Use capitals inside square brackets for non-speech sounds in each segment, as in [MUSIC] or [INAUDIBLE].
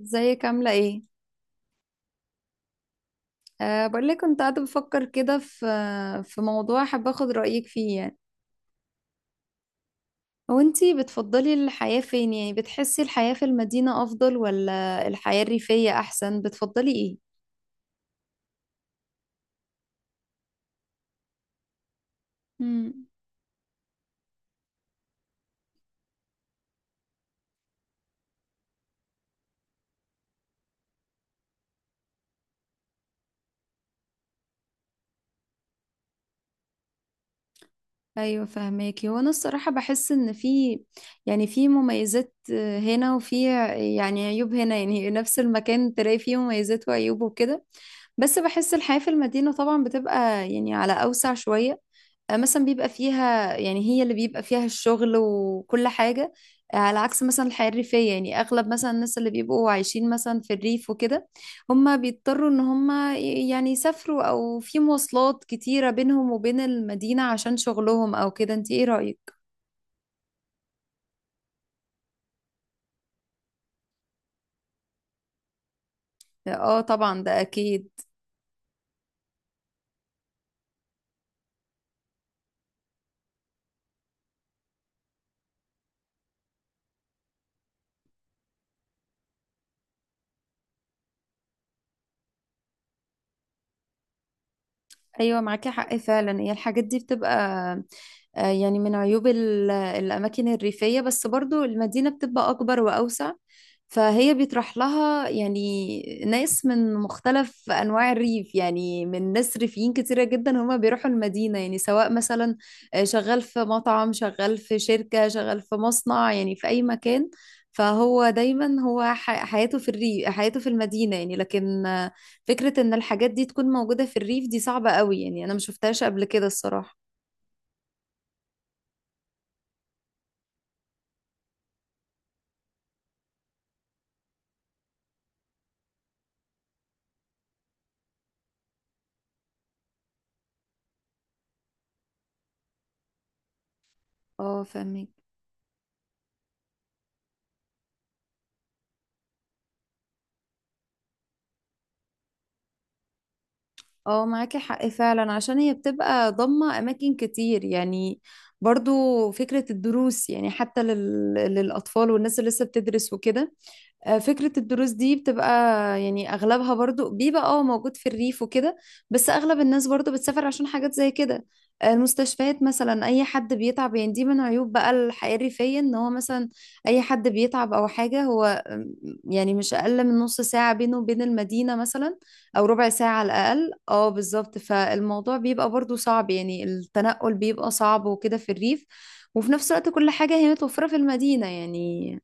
ازيك عاملة ايه؟ أه، بقول لك كنت قاعدة بفكر كده في موضوع حابة اخد رأيك فيه يعني. هو انتي بتفضلي الحياة فين، يعني بتحسي الحياة في المدينة أفضل ولا الحياة الريفية أحسن، بتفضلي ايه؟ امم. ايوه، فهماكي. هو انا الصراحة بحس ان في يعني في مميزات هنا، وفي يعني عيوب هنا، يعني [LAUGHS] نفس المكان تلاقي فيه مميزات وعيوب وكده. بس بحس الحياة في المدينة طبعا بتبقى، يعني، على أوسع شوية. مثلا بيبقى فيها، يعني هي اللي بيبقى فيها الشغل وكل حاجة، على عكس مثلا الحياة الريفية. يعني أغلب مثلا الناس اللي بيبقوا عايشين مثلا في الريف وكده، هم بيضطروا إن هم يعني يسافروا، أو في مواصلات كتيرة بينهم وبين المدينة عشان شغلهم أو كده. أنت إيه رأيك؟ آه، طبعا ده أكيد. ايوه، معاكي حق فعلا، هي الحاجات دي بتبقى يعني من عيوب الاماكن الريفيه. بس برضو المدينه بتبقى اكبر واوسع، فهي بيطرح لها، يعني، ناس من مختلف انواع الريف، يعني من ناس ريفيين كتيره جدا هما بيروحوا المدينه، يعني سواء مثلا شغال في مطعم، شغال في شركه، شغال في مصنع، يعني في اي مكان. فهو دايما هو حياته في الريف، حياته في المدينه، يعني. لكن فكرة ان الحاجات دي تكون موجودة في الريف دي صعبة قوي، يعني انا ما شفتهاش قبل كده الصراحة. اه، فاهمك. اه، معاكي حق فعلا، عشان هي بتبقى ضامة اماكن كتير يعني. برضو فكرة الدروس، يعني حتى للأطفال والناس اللي لسه بتدرس وكده. فكرة الدروس دي بتبقى، يعني أغلبها برضو بيبقى موجود في الريف وكده، بس أغلب الناس برضو بتسافر عشان حاجات زي كده. المستشفيات مثلا، أي حد بيتعب، يعني دي من عيوب بقى الحياة الريفية، إن هو مثلا أي حد بيتعب أو حاجة، هو يعني مش أقل من نص ساعة بينه وبين المدينة مثلا، أو ربع ساعة على الأقل. اه بالظبط، فالموضوع بيبقى برضو صعب، يعني التنقل بيبقى صعب وكده في الريف. وفي نفس الوقت كل حاجة هي متوفرة في المدينة يعني.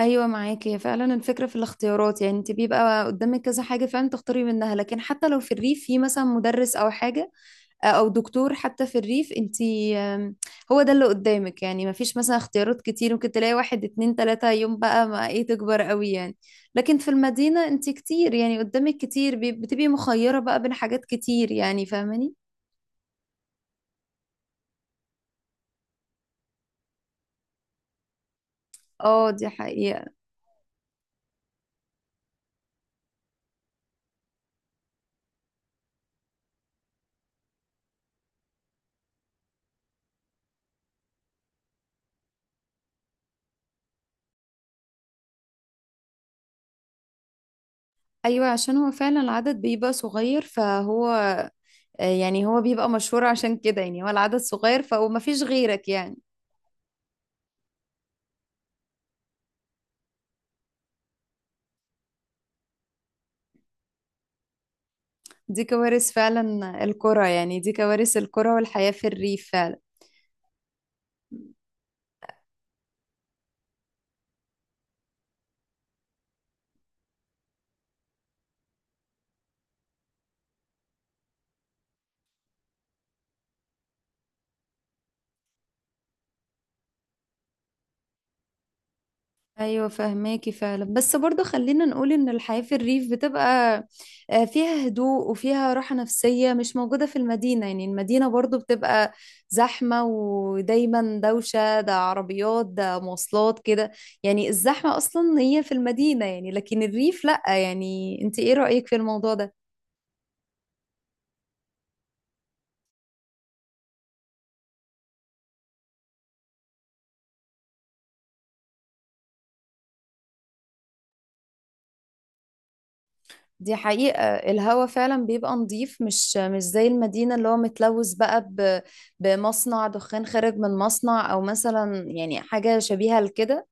ايوه، معاكي. هي فعلا الفكره في الاختيارات، يعني انت بيبقى قدامك كذا حاجه فعلا تختاري منها. لكن حتى لو في الريف في مثلا مدرس او حاجه او دكتور، حتى في الريف انت آم، هو ده اللي قدامك، يعني ما فيش مثلا اختيارات كتير، ممكن تلاقي واحد اتنين تلاته، يوم بقى ما ايه تكبر قوي يعني. لكن في المدينه انت كتير، يعني قدامك كتير، بتبقي مخيره بقى بين حاجات كتير، يعني فاهماني. اه، دي حقيقة. ايوه، عشان هو فعلا العدد بيبقى صغير، فهو يعني هو بيبقى مشهور عشان كده، يعني هو العدد صغير فما فيش غيرك يعني. دي كوارث فعلا القرى، يعني دي كوارث القرى والحياة في الريف فعلا. ايوه، فهماكي فعلا، بس برضو خلينا نقول ان الحياة في الريف بتبقى فيها هدوء وفيها راحة نفسية مش موجودة في المدينة. يعني المدينة برضو بتبقى زحمة ودايما دوشة، ده عربيات ده مواصلات كده، يعني الزحمة اصلا هي في المدينة يعني. لكن الريف لأ، يعني انت ايه رأيك في الموضوع ده؟ دي حقيقة، الهوا فعلا بيبقى نظيف، مش زي المدينة اللي هو متلوث بقى بمصنع دخان خارج من مصنع، أو مثلا يعني حاجة شبيهة لكده.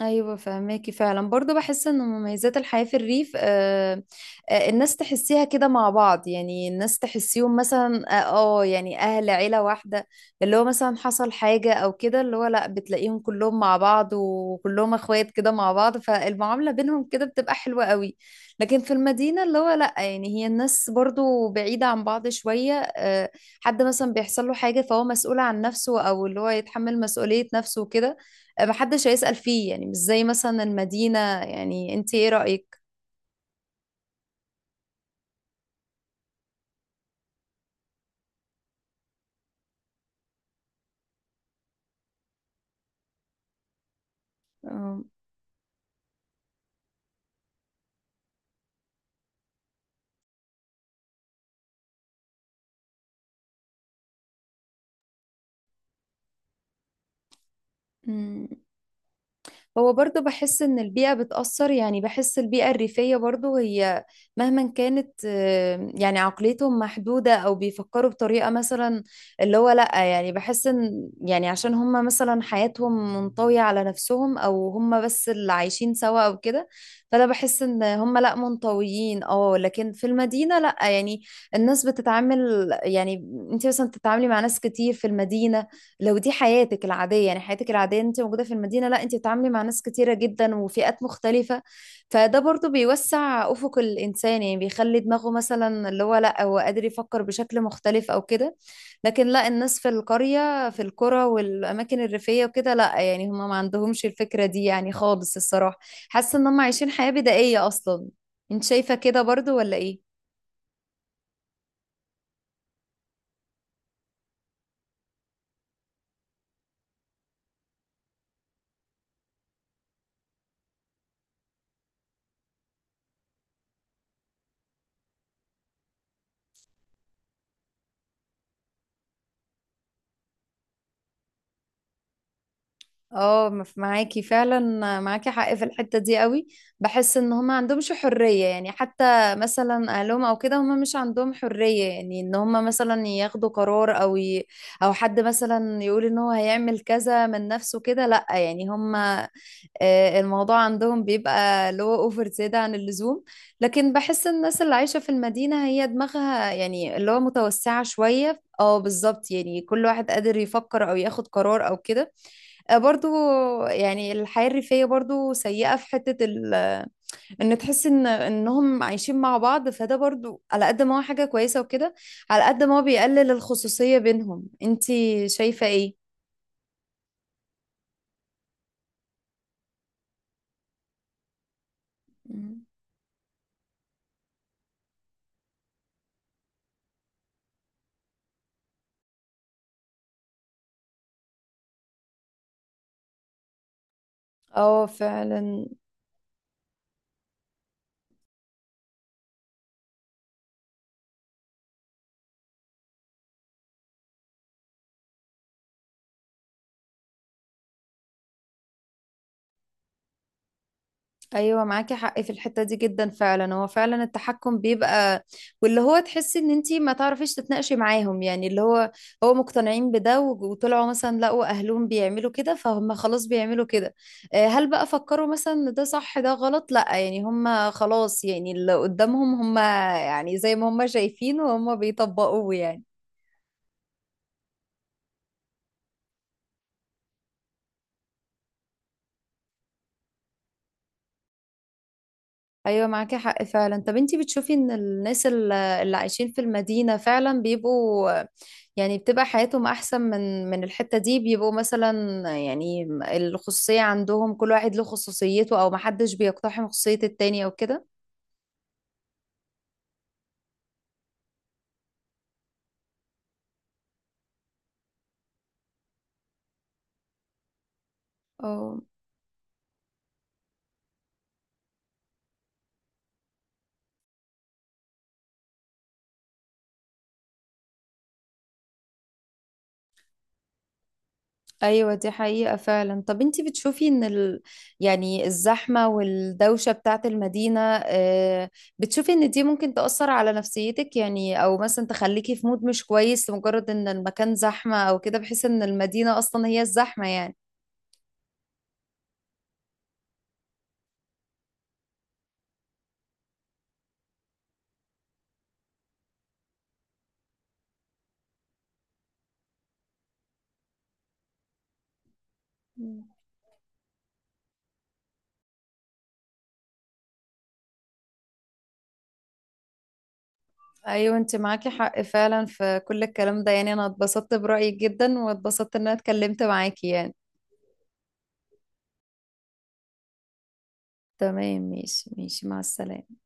ايوه، فهماكي فعلا، برضه بحس ان مميزات الحياه في الريف، الناس تحسيها كده مع بعض، يعني الناس تحسيهم مثلا يعني اهل عيله واحده، اللي هو مثلا حصل حاجه او كده، اللي هو لا، بتلاقيهم كلهم مع بعض وكلهم اخوات كده مع بعض، فالمعامله بينهم كده بتبقى حلوه قوي. لكن في المدينه اللي هو لا، يعني هي الناس برضه بعيده عن بعض شويه، حد مثلا بيحصل له حاجه فهو مسؤول عن نفسه، او اللي هو يتحمل مسؤوليه نفسه وكده، محدش هيسأل فيه، يعني مش زي مثلا المدينة، يعني انت ايه رأيك؟ أم، هو برضو بحس ان البيئة بتأثر، يعني بحس البيئة الريفية برضو هي مهما كانت يعني عقليتهم محدودة، او بيفكروا بطريقة مثلا اللي هو لأ. يعني بحس ان يعني عشان هم مثلا حياتهم منطوية على نفسهم، او هم بس اللي عايشين سوا او كده، فانا بحس ان هم لأ منطويين. اه لكن في المدينة لأ، يعني الناس بتتعامل يعني. انت مثلا بتتعاملي مع ناس كتير في المدينة، لو دي حياتك العادية، يعني حياتك العادية انت موجودة في المدينة، لا انت بتتعاملي مع ناس كتيرة جدا وفئات مختلفة، فده برضو بيوسع أفق الإنسان، يعني بيخلي دماغه مثلا اللي هو لا، هو قادر يفكر بشكل مختلف أو كده. لكن لا، الناس في القرية، في القرى والأماكن الريفية وكده، لا، يعني هم ما عندهمش الفكرة دي يعني خالص الصراحة. حاسة ان هم عايشين حياة بدائية أصلا، انت شايفة كده برضو ولا ايه؟ اه، معاكي فعلا، معاكي حق في الحتة دي قوي. بحس ان هما عندهمش حرية، يعني حتى مثلا اهلهم او كده، هما مش عندهم حرية، يعني ان هما مثلا ياخدوا قرار او او حد مثلا يقول ان هو هيعمل كذا من نفسه كده، لا يعني هما الموضوع عندهم بيبقى اللي هو اوفر، زيادة عن اللزوم. لكن بحس الناس اللي عايشة في المدينة هي دماغها، يعني اللي هو متوسعة شوية، بالظبط، يعني كل واحد قادر يفكر او ياخد قرار او كده، برضو. يعني الحياة الريفية برضو سيئة في حتة ان تحس ان انهم عايشين مع بعض، فده برضو على قد ما هو حاجة كويسة وكده، على قد ما هو بيقلل الخصوصية بينهم. انتي شايفة ايه؟ مم. اه، فعلا. ايوه، معاكي حق في الحته دي جدا، فعلا هو فعلا التحكم بيبقى، واللي هو تحسي ان انتي ما تعرفيش تتناقشي معاهم، يعني اللي هو هو مقتنعين بده، وطلعوا مثلا لقوا اهلهم بيعملوا كده فهم خلاص بيعملوا كده. هل بقى فكروا مثلا إن ده صح ده غلط؟ لا، يعني هم خلاص، يعني اللي قدامهم هم، يعني زي ما هم شايفين وهم بيطبقوه يعني. ايوه، معاكي حق فعلا. طب انتي بتشوفي ان الناس اللي عايشين في المدينة فعلا بيبقوا، يعني بتبقى حياتهم احسن من الحتة دي؟ بيبقوا مثلا، يعني الخصوصية عندهم، كل واحد له خصوصيته، او محدش بيقتحم خصوصية التاني او كده. اه، ايوه دي حقيقة فعلا. طب انتي بتشوفي ان يعني الزحمة والدوشة بتاعت المدينة، آه، بتشوفي ان دي ممكن تأثر على نفسيتك، يعني او مثلا تخليكي في مود مش كويس لمجرد ان المكان زحمة او كده، بحيث ان المدينة اصلا هي الزحمة يعني. مم. ايوه، انت معاكي حق فعلا في كل الكلام ده، يعني انا اتبسطت برأيك جدا، واتبسطت ان انا اتكلمت معاكي يعني. تمام، ماشي ماشي، مع السلامة.